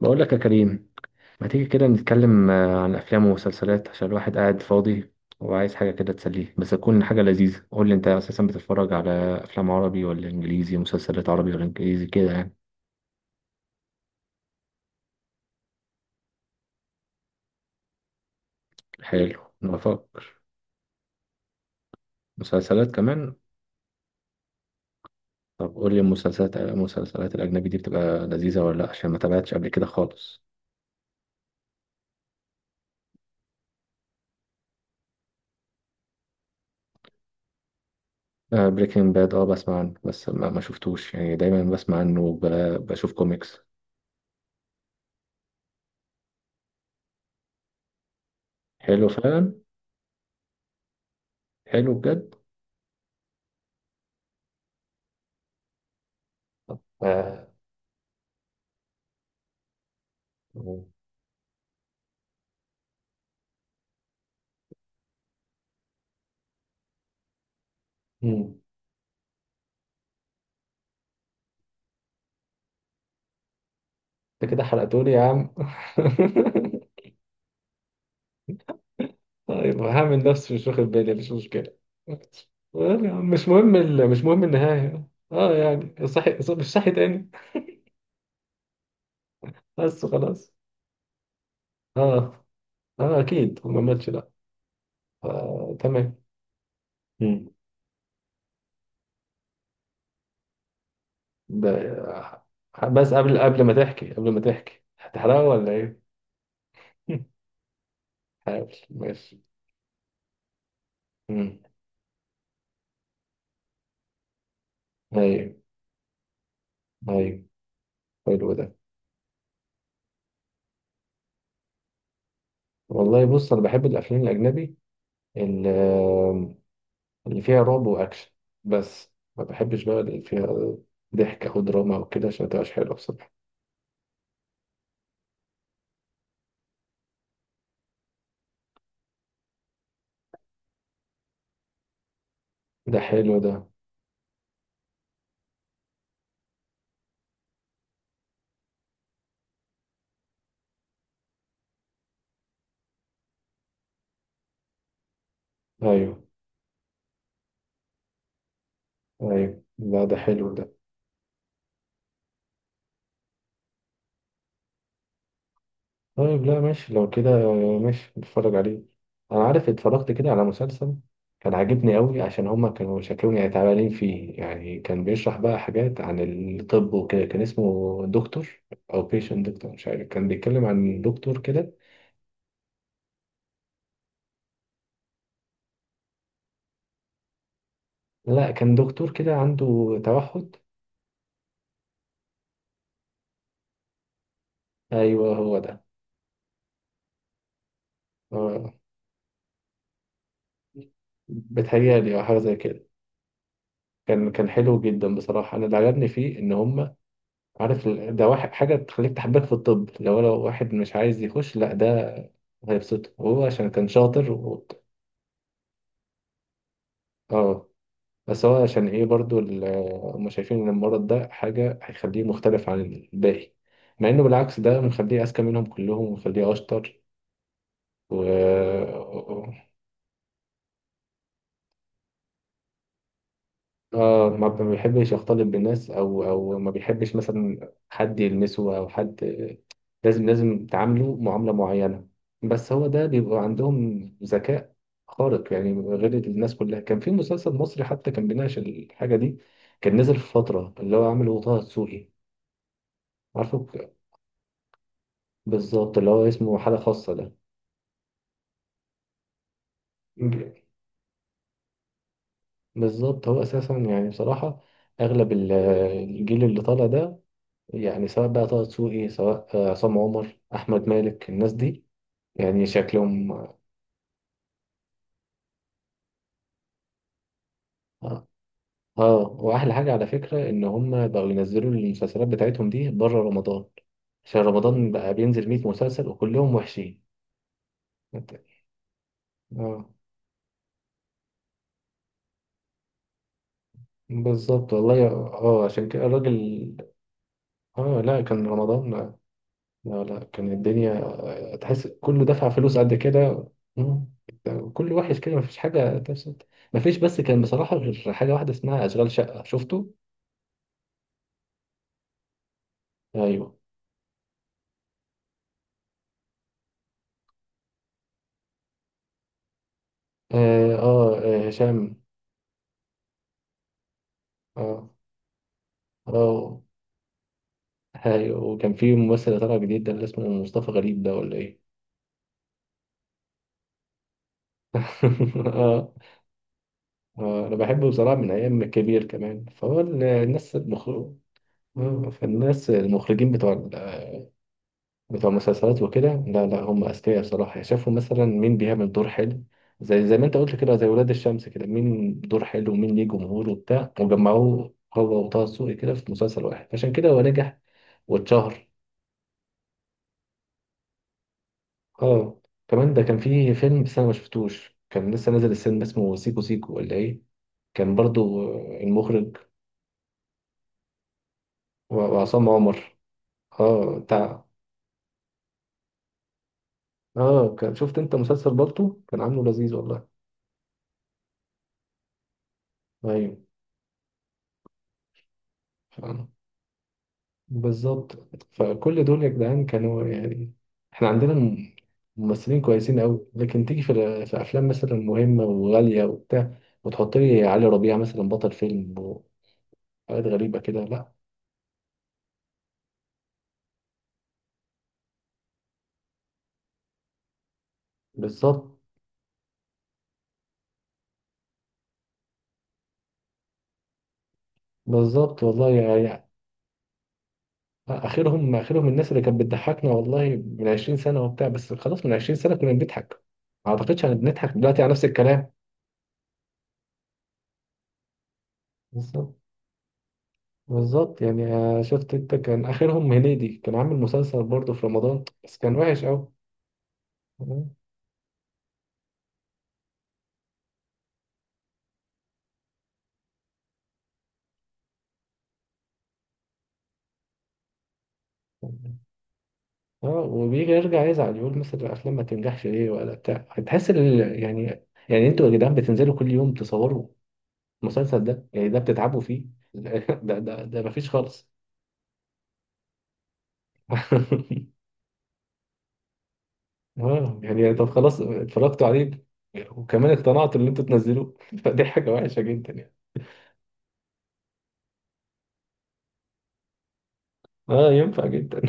بقول لك يا كريم، ما تيجي كده نتكلم عن افلام ومسلسلات، عشان الواحد قاعد فاضي وعايز حاجه كده تسليه، بس تكون حاجه لذيذه. قول لي، انت اساسا بتتفرج على افلام عربي ولا انجليزي؟ مسلسلات عربي ولا انجليزي كده يعني؟ حلو، نفكر. مسلسلات كمان. طب قول لي، المسلسلات الاجنبي دي بتبقى لذيذه ولا لا؟ عشان ما تابعتش قبل كده خالص. بريكنج باد، Breaking Bad، بسمع عنه بس ما شفتوش يعني، دايما بسمع عنه بشوف كوميكس. حلو فعلا. حلو بجد. آه. مم. انت كده حرقتولي يا عم. طيب، هعمل نفسي مش واخد بالي، مش مشكلة. المهم يا عم، مش مهم مش مهم النهاية، يعني صحي، مش صحي تاني. بس خلاص. اه، اه اكيد ما ماتش، لا. آه، تمام. مم. ب... بس قبل ما تحكي هتحرقه ولا ايه؟ حاول، ماشي. مم. ايوه، ايوه، حلو ده. والله بص، انا بحب الافلام الاجنبي، ال- اللي فيها رعب واكشن. بس ما بحبش بقى اللي فيها ضحك او دراما او كده، عشان ما تبقاش حلوه بصراحه. ده حلو ده. ايوه، ايوه، لا ده حلو ده. طيب، لا ماشي لو كده. ماشي، نتفرج عليه. انا عارف، اتفرجت كده على مسلسل كان عاجبني قوي، عشان هما كانوا شكلهم يعني تعبانين فيه يعني، كان بيشرح بقى حاجات عن الطب وكده. كان اسمه دكتور، او بيشنت دكتور، مش عارف، كان بيتكلم عن دكتور كده. لا، كان دكتور كده عنده توحد. ايوه هو ده. آه. بتهيألي، أو حاجة زي كده. كان حلو جدا بصراحة. أنا اللي عجبني فيه إن هم عارف ده واحد حاجة تخليك تحبك في الطب. لو واحد مش عايز يخش، لا ده هيبسطه، وهو عشان كان شاطر اه. بس هو عشان إيه برضو هم شايفين إن المرض ده حاجة هيخليه مختلف عن الباقي، مع إنه بالعكس ده مخليه أذكى منهم كلهم ومخليه أشطر. و اه، ما بيحبش يختلط بالناس، او ما بيحبش مثلا حد يلمسه، او حد لازم تعامله معاملة معينة. بس هو ده بيبقى عندهم ذكاء خارق يعني، غير الناس كلها. كان في مسلسل مصري حتى كان بيناقش الحاجة دي، كان نزل في فترة، اللي هو عامله طه دسوقي. عارفه، بالظبط، اللي هو اسمه حالة خاصة ده. ب- بالظبط. هو أساسا يعني بصراحة أغلب الجيل اللي طالع ده، يعني سواء بقى طه دسوقي، سواء عصام عمر، أحمد مالك، الناس دي، يعني شكلهم. اه، واحلى حاجه على فكره ان هم بقوا ينزلوا المسلسلات بتاعتهم دي بره رمضان، عشان رمضان بقى بينزل 100 مسلسل وكلهم وحشين. اه، بالظبط والله. اه عشان كده الراجل، اه، لا كان رمضان، لا. لا، لا، كان الدنيا، تحس كله دفع فلوس قد كده. مم. كله وحش كده، مفيش حاجة تبسط. مفيش، بس كان بصراحة غير حاجة واحدة اسمها أشغال شقة، شفته؟ أيوه. آه، آه، آه، هشام. آه. آه. هاي، وكان في ممثل طالع جديد ده اللي اسمه مصطفى غريب ده ولا ايه؟ اه. انا بحبه بصراحه من ايام كبير كمان، فهو الناس المخرج. فالناس المخرجين بتوع بتوع المسلسلات وكده، لا، لا هم اذكياء بصراحه يعني، شافوا مثلا مين بيعمل دور حلو، زي ما انت قلت كده، زي ولاد الشمس كده، مين دور حلو ومين ليه جمهور وبتاع، وجمعوه هو وطه دسوقي كده في مسلسل واحد، عشان كده هو نجح واتشهر. اه. كمان ده كان فيه فيلم بس انا ما شفتوش، كان لسه نازل السينما، اسمه سيكو سيكو ولا ايه؟ كان برضو المخرج وعصام عمر. اه بتاع. اه، كان شفت انت مسلسل بالطو، كان عامله لذيذ والله. ايوه. ف- بالظبط. فكل دول يا جدعان كانوا يعني، احنا عندنا ممثلين كويسين قوي، لكن تيجي في افلام مثلا مهمه وغاليه وبتاع، وتحط لي علي ربيع مثلا بطل فيلم وحاجات غريبه كده، لا. بالظبط. بالظبط والله يعني. اخرهم الناس اللي كانت بتضحكنا والله من 20 سنه وبتاع، بس خلاص، من 20 سنه كنا بنضحك، ما اعتقدش ان بنضحك دلوقتي على نفس الكلام. بالظبط. بالظبط يعني. شفت انت، كان اخرهم هنيدي كان عامل مسلسل برضه في رمضان بس كان وحش قوي. اه، وبيجي يرجع يزعل يقول مثلا الافلام ما تنجحش ليه ولا بتاع. هتحس يعني انتوا يا جدعان بتنزلوا كل يوم تصوروا المسلسل ده يعني، ده بتتعبوا فيه. ده مفيش خالص. اه يعني، طب خلاص اتفرجت عليه، وكمان اقتنعت ان انتوا تنزلوه. فدي حاجة وحشة جدا يعني. اه، ينفع جدا.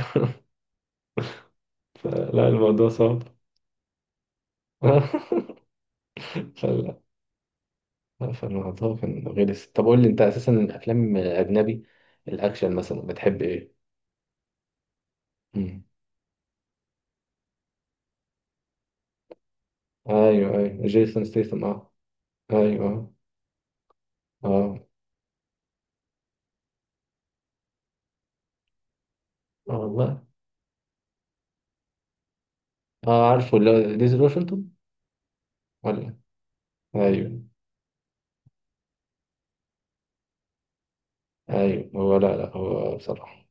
فلا، الموضوع صعب. آه، فلا، لا، فالموضوع كان غلس. طب قول لي، انت اساسا الافلام اجنبي، الاكشن مثلا، بتحب ايه؟ مم. ايوه، ايوه، جيسون ستيثم، اه. ايوه. اه. والله. اه، عارفه، اللي هو ديزل واشنطن ولا إيه؟ ايوه. ايوه هو، لا، لا هو بصراحة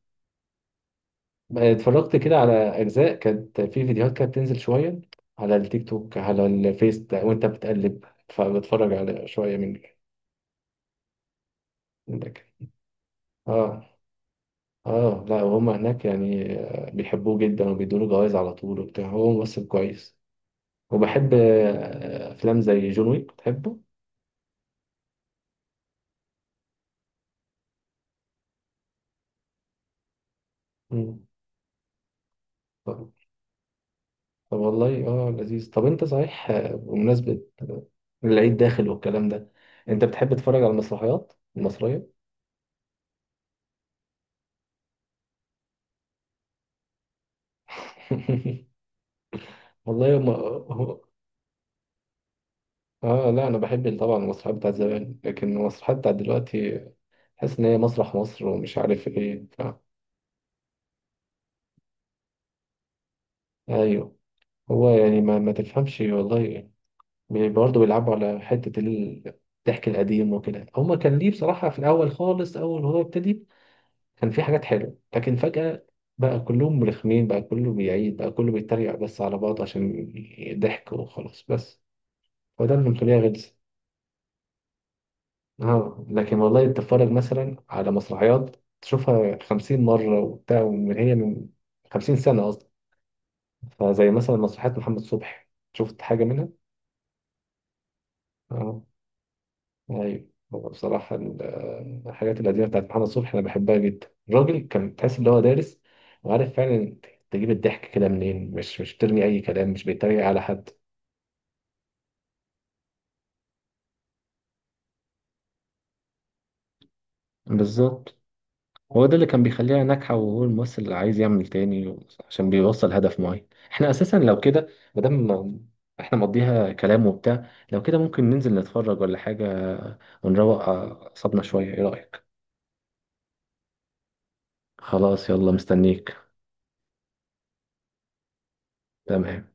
اتفرجت كده على اجزاء كانت في فيديوهات كانت بتنزل شويه، على التيك توك، على الفيس ده، وانت بتقلب فبتفرج على شويه منك. اه. اه، لا وهم هناك يعني، بيحبوه جدا وبيدوله جوائز على طول وبتاع، هو ممثل كويس. وبحب افلام زي جون ويك، بتحبه؟ مم. طب، طب والله، اه لذيذ. طب انت صحيح، بمناسبه العيد داخل والكلام ده، انت بتحب تتفرج على المسرحيات المصريه؟ والله. هم. اه، لا انا بحب طبعا المسرحيات بتاعت زمان، لكن المسرحيات بتاعت دلوقتي حاسس ان هي مسرح مصر ومش عارف ايه ايوه. هو يعني ما تفهمش والله. برضه بيلعبوا على حته الضحك القديم وكده، هما كان ليه بصراحه في الاول خالص، اول ما هو ابتدي كان في حاجات حلوه، لكن فجاه بقى كلهم مرخمين، بقى كله بيعيد، بقى كله بيتريق بس على بعض عشان ضحك وخلاص، بس وده اللي مخليها غلسه. اه، لكن والله تتفرج مثلا على مسرحيات تشوفها 50 مرة وبتاع، ومن هي من 50 سنة أصلا، فزي مثلا مسرحيات محمد صبحي، شفت حاجة منها؟ اه. أيوة. هو بصراحة الحاجات القديمة بتاعت محمد صبحي أنا بحبها جدا. الراجل كان تحس إن هو دارس وعارف فعلا، تجيب الضحك كده منين، مش بترمي أي كلام، مش بيتريق على حد. بالظبط. هو ده اللي كان بيخليها ناجحة، وهو الممثل اللي عايز يعمل تاني عشان بيوصل هدف معين. احنا اساسا لو كده، مادام احنا مقضيها كلام وبتاع، لو كده ممكن ننزل نتفرج ولا حاجة، ونروق أعصابنا شوية، ايه رأيك؟ خلاص يلا مستنيك. تمام.